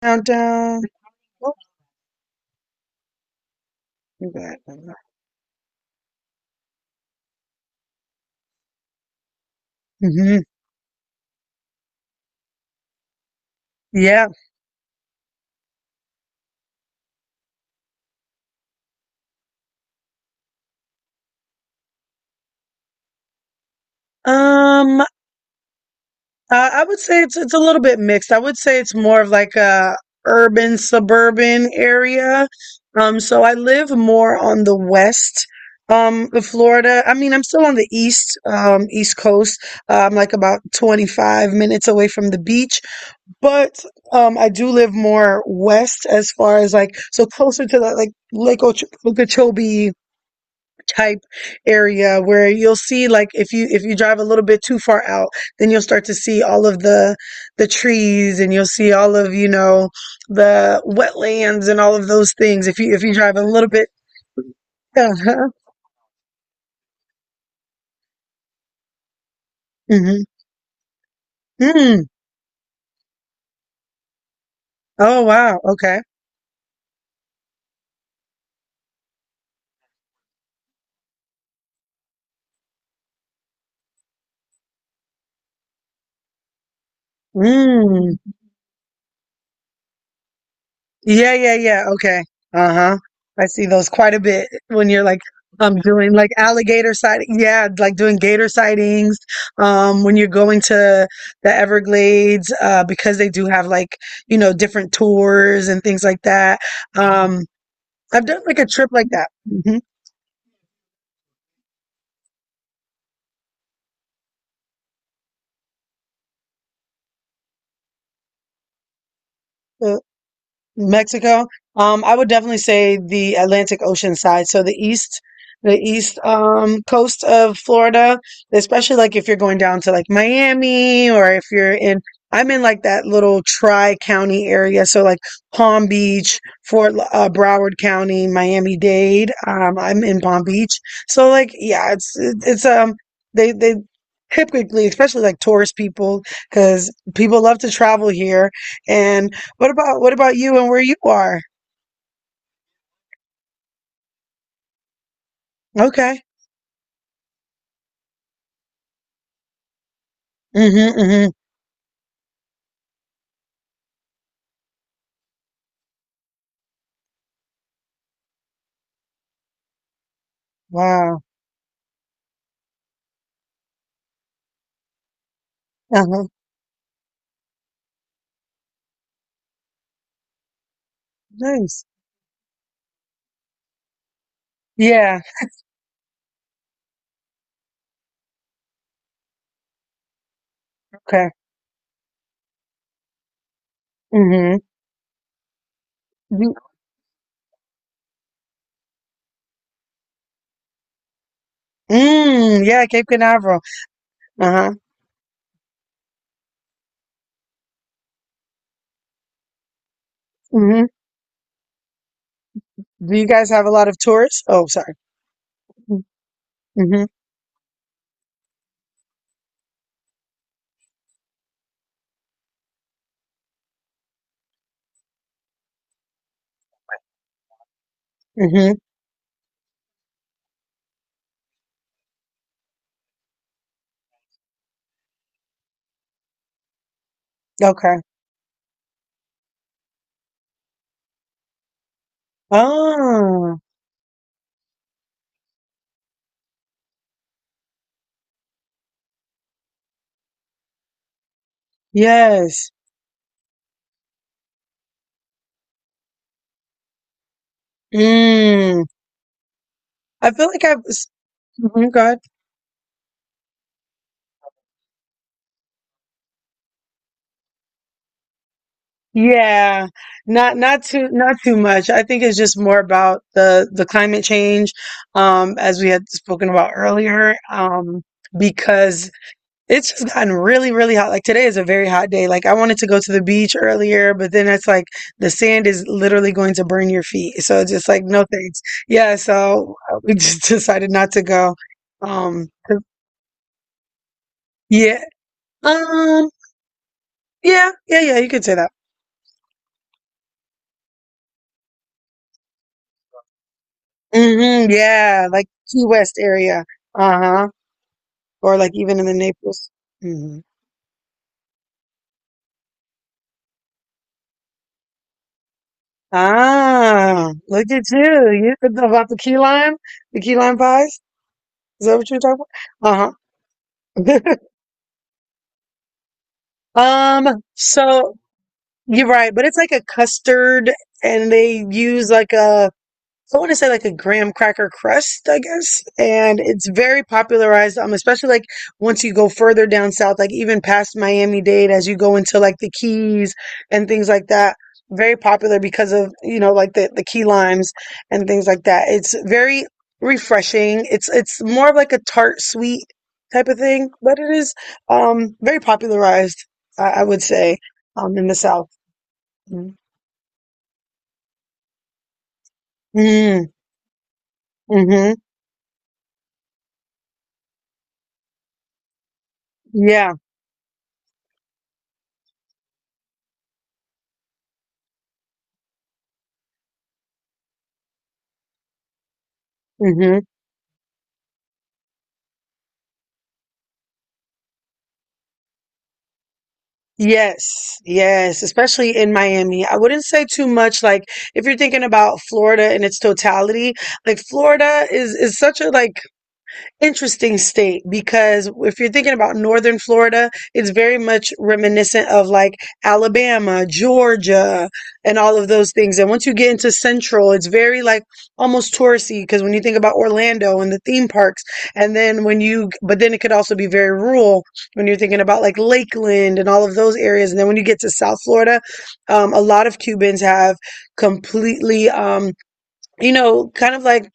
Countdown. Oh, you got hmm. Yeah. Um, uh, I would say it's a little bit mixed. I would say it's more of like a urban suburban area. So I live more on the west, of Florida. I mean, I'm still on the east, east coast. I'm like about 25 minutes away from the beach, but I do live more west as far as like so closer to the like Okeechobee type area where you'll see like if you drive a little bit too far out then you'll start to see all of the trees and you'll see all of the wetlands and all of those things if you drive a little bit. Uh-huh. Hmm. Mm. Oh, wow, okay. Mm. Yeah, yeah, yeah. Okay. Uh-huh. I see those quite a bit when you're like doing like alligator sighting. Yeah, like doing gator sightings. When you're going to the Everglades, because they do have like, you know, different tours and things like that. Um, I've done like a trip like that. Hmm. Mexico. I would definitely say the Atlantic Ocean side. So the east coast of Florida, especially like if you're going down to like Miami or if you're in, I'm in like that little tri-county area. So like Palm Beach, Broward County, Miami-Dade. I'm in Palm Beach. So like, yeah, it's, they, they, typically, especially like tourist people, because people love to travel here, and what about you and where you are? Okay. Mm-hmm. Mm-hmm. Wow. Uh-huh. Nice. Yeah. Okay. Mm-hmm. Do, mm, yeah, Cape Canaveral. Uh-huh. Mm-hmm. Do you guys have a lot of tourists? Oh, sorry. Mm-hmm. Mm-hmm. Okay. Oh, yes. Mm. I feel like I've, mm. Yeah, not too much. I think it's just more about the climate change, as we had spoken about earlier, because it's just gotten really, really hot. Like today is a very hot day. Like I wanted to go to the beach earlier, but then it's like the sand is literally going to burn your feet. So it's just like no thanks. Yeah, so we just decided not to go. Um, yeah, um, yeah, yeah, yeah. You could say that. Hmm, yeah, like Key West area. Uh-huh. Or like even in the Naples. Hmm. Ah, look at you. You could know about the key lime pies. Is that what you're talking about? Uh-huh. So you're right, but it's like a custard and they use like a I want to say like a graham cracker crust, I guess. And it's very popularized, especially like once you go further down south, like even past Miami-Dade, as you go into like the Keys and things like that. Very popular because of, you know, like the key limes and things like that. It's very refreshing. It's more of like a tart sweet type of thing, but it is very popularized, I would say, in the South. Mm. Mm-hmm. Yeah. Mm-hmm. Yes, yes, especially in Miami. I wouldn't say too much like if you're thinking about Florida in its totality, like Florida is such a like interesting state because if you're thinking about northern Florida, it's very much reminiscent of like Alabama, Georgia, and all of those things. And once you get into central, it's very like almost touristy because when you think about Orlando and the theme parks, and but then it could also be very rural when you're thinking about like Lakeland and all of those areas. And then when you get to South Florida, a lot of Cubans have completely. You know, kind of like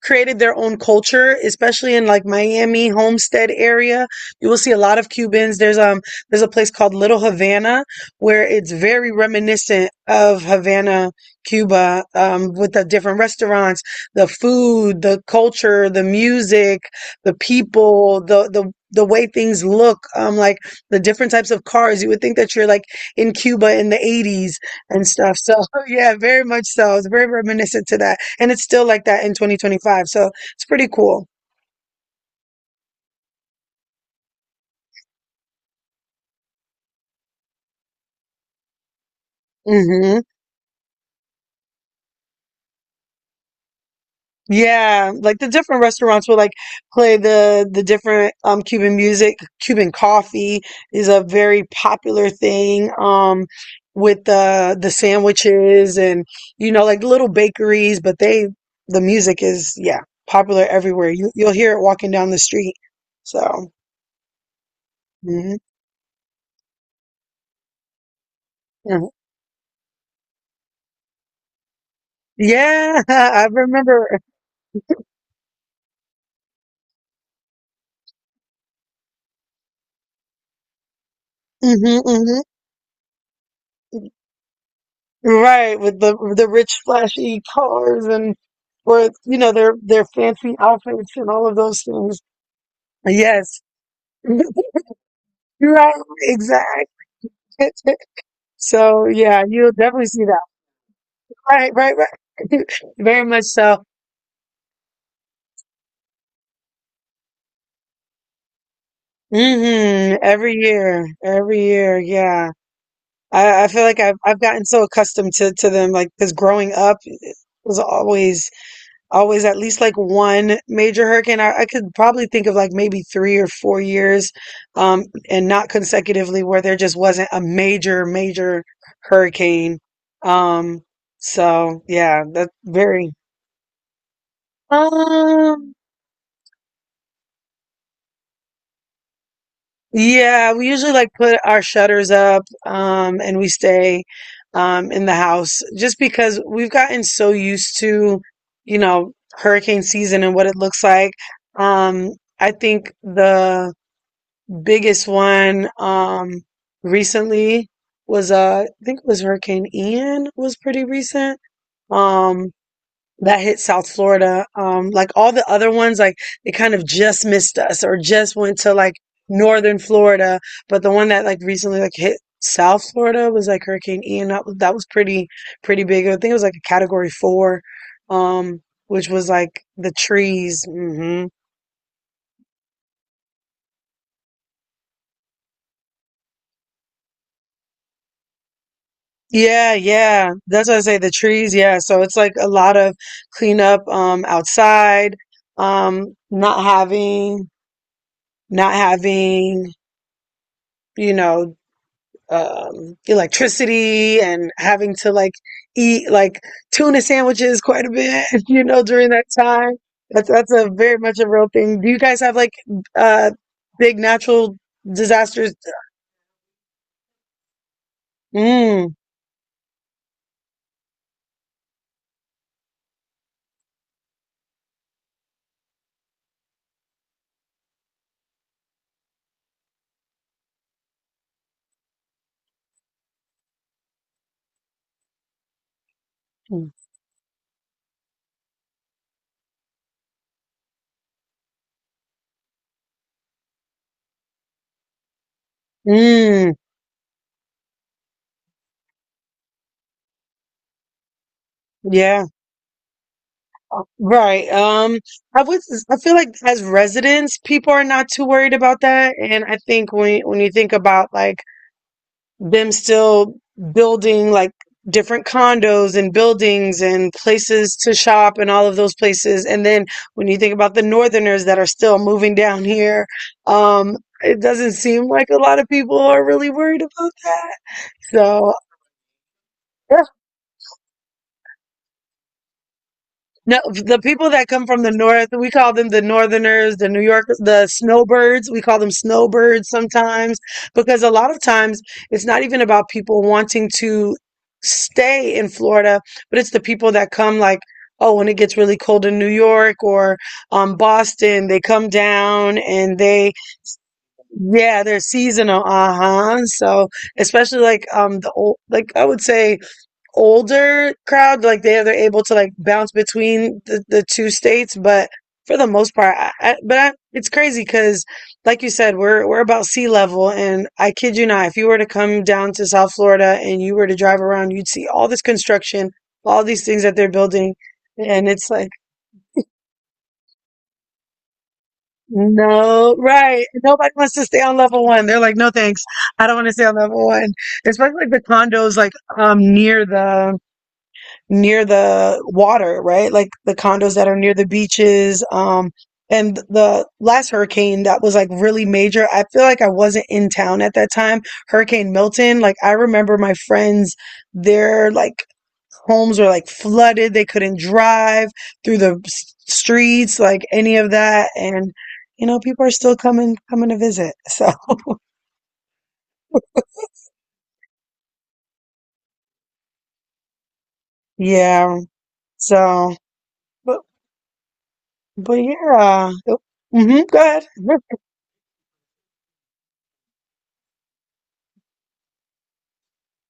created their own culture, especially in like Miami Homestead area. You will see a lot of Cubans. There's a place called Little Havana where it's very reminiscent of Havana, Cuba, with the different restaurants, the food, the culture, the music, the people, the way things look, like the different types of cars. You would think that you're like in Cuba in the 80s and stuff. So yeah, very much so. It's very reminiscent to that, and it's still like that in 2025. So it's pretty cool. Hmm. Yeah, like the different restaurants will like play the different Cuban music. Cuban coffee is a very popular thing. Um, with the sandwiches and you know like little bakeries, but they the music is yeah popular everywhere. You'll hear it walking down the street. So mhm. Mhm. Yeah, I remember. Hmm. Hmm. Right, with the rich, flashy cars and with you know their fancy outfits and all of those things. Yes, right, exactly. So yeah, you'll definitely see that. Right, right, right. Very much so. Hmm. Every year, yeah. I feel like I've gotten so accustomed to them, like because growing up it was always. Always at least like one major hurricane. I could probably think of like maybe 3 or 4 years, and not consecutively where there just wasn't a major, major hurricane. Um, so yeah, that's very, um, yeah, we usually like put our shutters up, and we stay, in the house just because we've gotten so used to, you know, hurricane season and what it looks like. Um, I think the biggest one recently was I think it was Hurricane Ian was pretty recent. Um, that hit South Florida. Um, like all the other ones like they kind of just missed us or just went to like northern Florida, but the one that like recently like hit South Florida was like Hurricane Ian. That was pretty big. I think it was like a category 4 um which was like the trees. Hmm. Yeah, yeah. That's what I say, the trees, yeah. So it's like a lot of cleanup outside, um, not having, you know, electricity and having to like eat like tuna sandwiches quite a bit, you know, during that time. That's a very much a real thing. Do you guys have like uh big natural disasters? Mm. Mm. Mm. Yeah. Right. I would, I feel like as residents, people are not too worried about that. And I think when you think about like them still building like different condos and buildings and places to shop and all of those places, and then when you think about the northerners that are still moving down here, it doesn't seem like a lot of people are really worried about that. So. No, the people that come from the north, we call them the northerners, the New Yorkers, the snowbirds. We call them snowbirds sometimes because a lot of times it's not even about people wanting to stay in Florida, but it's the people that come like, oh, when it gets really cold in New York or Boston, they come down and yeah, they're seasonal. Uh-huh. So especially like the old, like I would say older crowd, like they're able to like bounce between the two states, but for the most part, it's crazy because, like you said, we're about sea level, and I kid you not, if you were to come down to South Florida and you were to drive around, you'd see all this construction, all these things that they're building, and it's like. No, right. Nobody wants to stay on level one. They're like, no, thanks. I don't want to stay on level one, especially like the condos, like near the water, right? Like the condos that are near the beaches. And the last hurricane that was like really major, I feel like I wasn't in town at that time. Hurricane Milton, like I remember my friends, their like homes were like flooded. They couldn't drive through the streets, like any of that. And, you know, people are still coming to visit. So, yeah. So, but, but yeah. Oh, Mm-hmm, go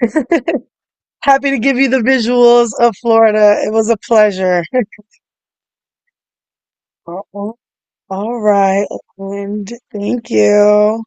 ahead. Happy to give you the visuals of Florida. It was a pleasure. All right, and thank you.